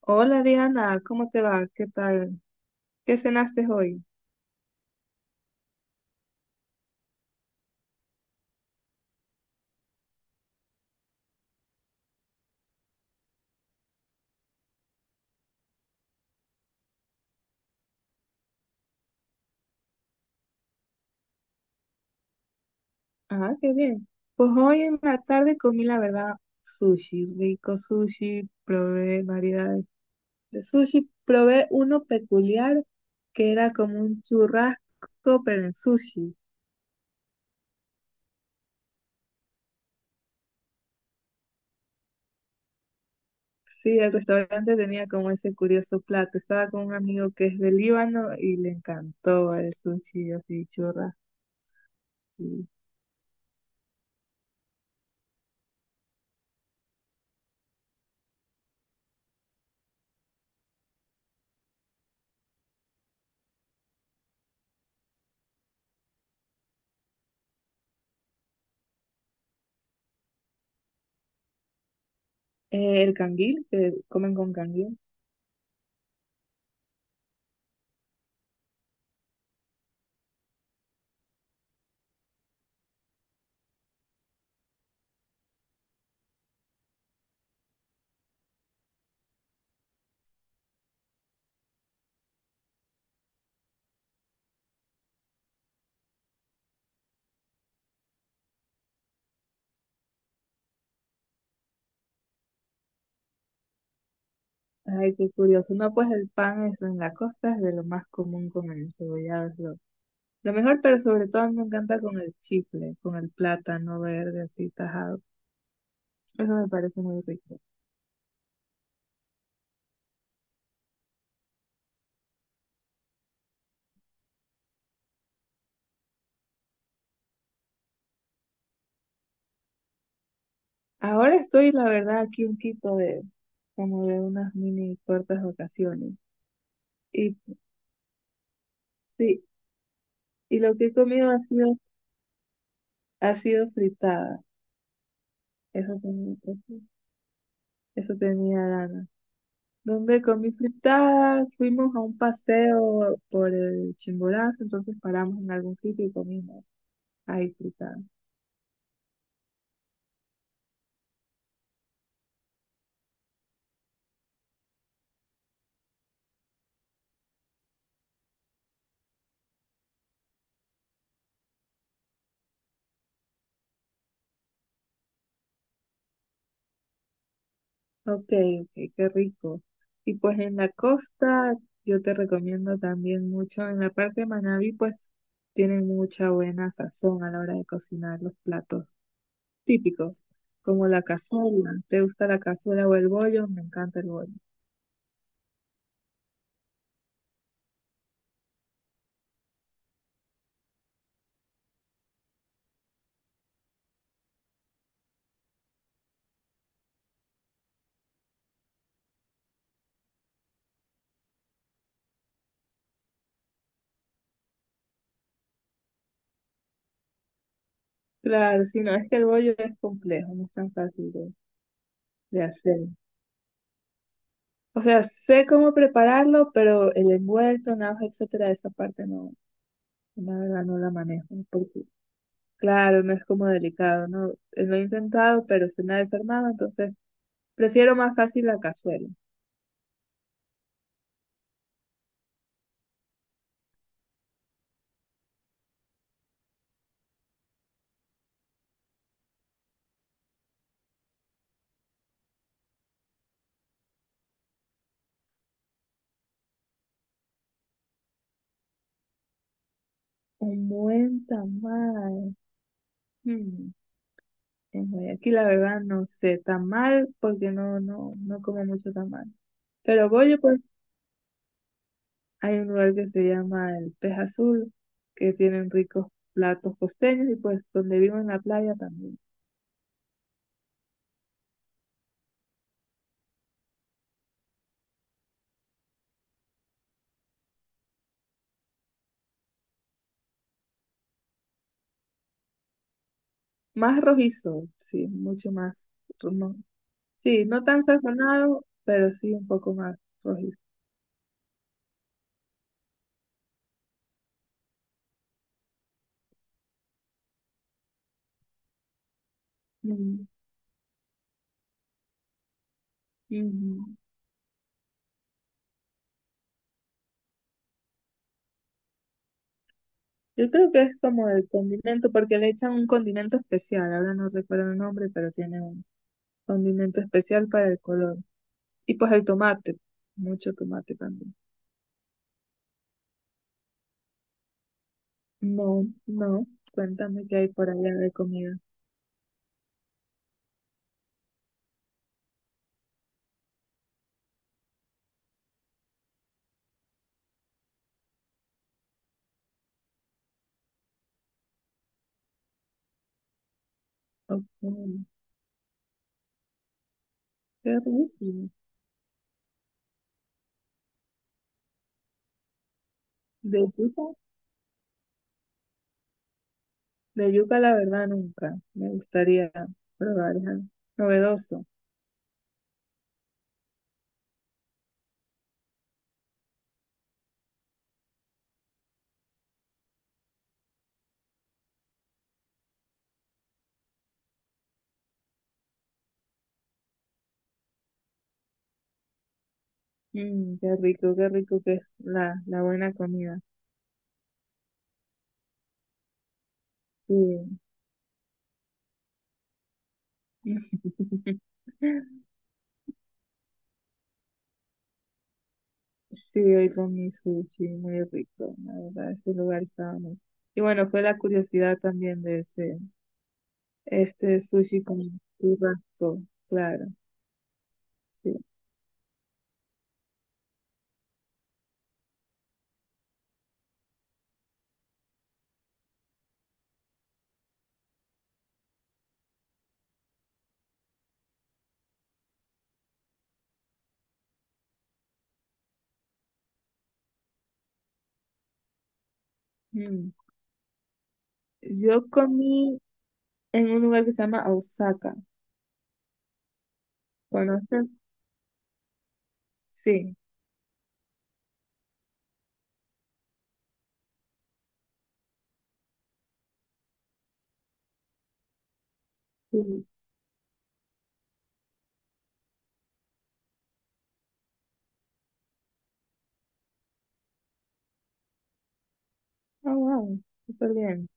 Hola Diana, ¿cómo te va? ¿Qué tal? ¿Qué cenaste hoy? Ah, qué bien. Pues hoy en la tarde comí, la verdad, sushi, rico sushi, probé variedades de sushi, probé uno peculiar que era como un churrasco pero en sushi. Sí, el restaurante tenía como ese curioso plato. Estaba con un amigo que es de Líbano y le encantó el sushi así churrasco. El canguil, que comen con canguil. Ay, qué curioso. No, pues el pan, es en la costa es de lo más común con el encebollado. Es lo mejor, pero sobre todo a mí me encanta con el chicle, con el plátano verde así tajado. Eso me parece muy rico. Ahora estoy, la verdad, aquí un quito de como de unas mini cortas vacaciones. Y sí, y lo que he ha sido fritada. Eso tenía, eso, Eso tenía ganas. Donde comí fritada, fuimos a un paseo por el Chimborazo, entonces paramos en algún sitio y comimos ahí fritada. Ok, ok, qué rico. Y pues en la costa, yo te recomiendo también mucho, en la parte de Manabí, pues tienen mucha buena sazón a la hora de cocinar los platos típicos, como la cazuela. ¿Te gusta la cazuela o el bollo? Me encanta el bollo. Claro, si no, es que el bollo es complejo, no es tan fácil de hacer. O sea, sé cómo prepararlo, pero el envuelto, nada, etcétera, esa parte no, la verdad no la manejo. Porque, claro, no es como delicado, ¿no? Lo he intentado, pero se me ha desarmado, entonces prefiero más fácil la cazuela. Un buen tamal. Hmm, en Guayaquil, la verdad, no sé. Tamal, porque no como mucho tamal. Pero bollo, pues, hay un lugar que se llama el Pez Azul, que tienen ricos platos costeños y pues donde vivo en la playa también. Más rojizo, sí, mucho más. No, sí, no tan sazonado, pero sí un poco más rojizo. Mm, ujú. Yo creo que es como el condimento, porque le echan un condimento especial, ahora no recuerdo el nombre, pero tiene un condimento especial para el color. Y pues el tomate, mucho tomate también. No, no, cuéntame qué hay por allá de comida. Ok, qué rico. De yuca, de yuca la verdad nunca. Me gustaría probar, es algo novedoso. Mm, qué rico que es la buena comida. Sí. Sí, hoy comí sushi, muy rico, la verdad, ese lugar estaba muy… Y bueno, fue la curiosidad también de ese, este sushi con churrasco, claro, sí. Mm. Yo comí en un lugar que se llama Osaka, ¿conoces? Sí, sí. Oh, wow, súper bien.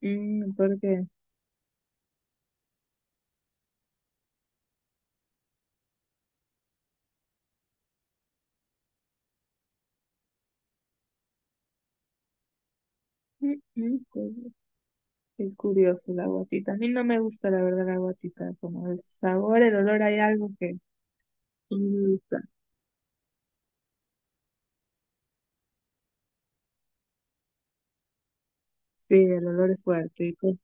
Mm, ¿por qué? Mm, mm, pues, qué curioso la guatita. A mí no me gusta, la verdad, la guatita. Como el sabor, el olor, hay algo que no me gusta. Sí, el olor es fuerte. Y, pues,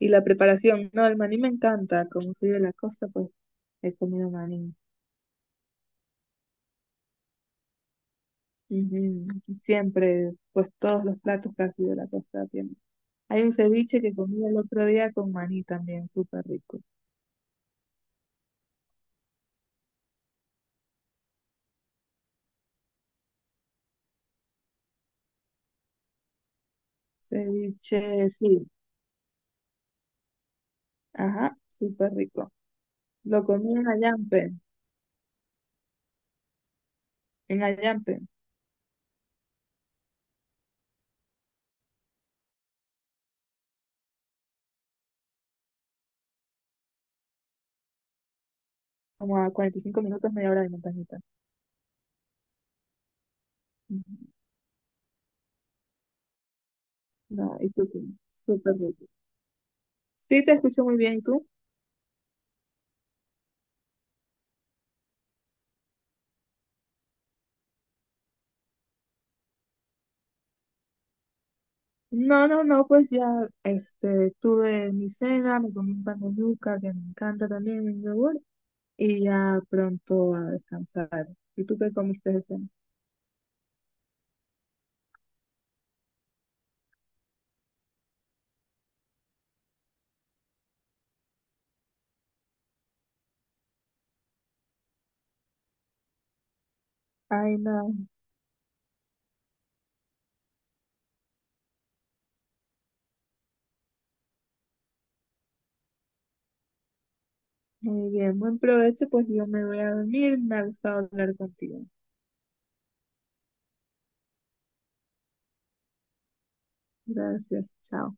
y la preparación. No, el maní me encanta. Como soy de la costa, pues he comido maní. Ujú. Siempre, pues todos los platos casi de la costa tienen. Hay un ceviche que comí el otro día con maní también, súper rico. Ceviche, sí. Ajá, súper rico. Lo comí en Ayampe, como a 45 minutos, media hora de montañita. No, súper rico. Sí, te escucho muy bien. ¿Y tú? No, pues ya este, tuve mi cena, me comí un pan de yuca que me encanta también, el yogur, y ya pronto a descansar. ¿Y tú qué comiste de cena? Ay, no, muy bien, buen provecho, pues yo me voy a dormir, me ha gustado hablar contigo. Gracias, chao.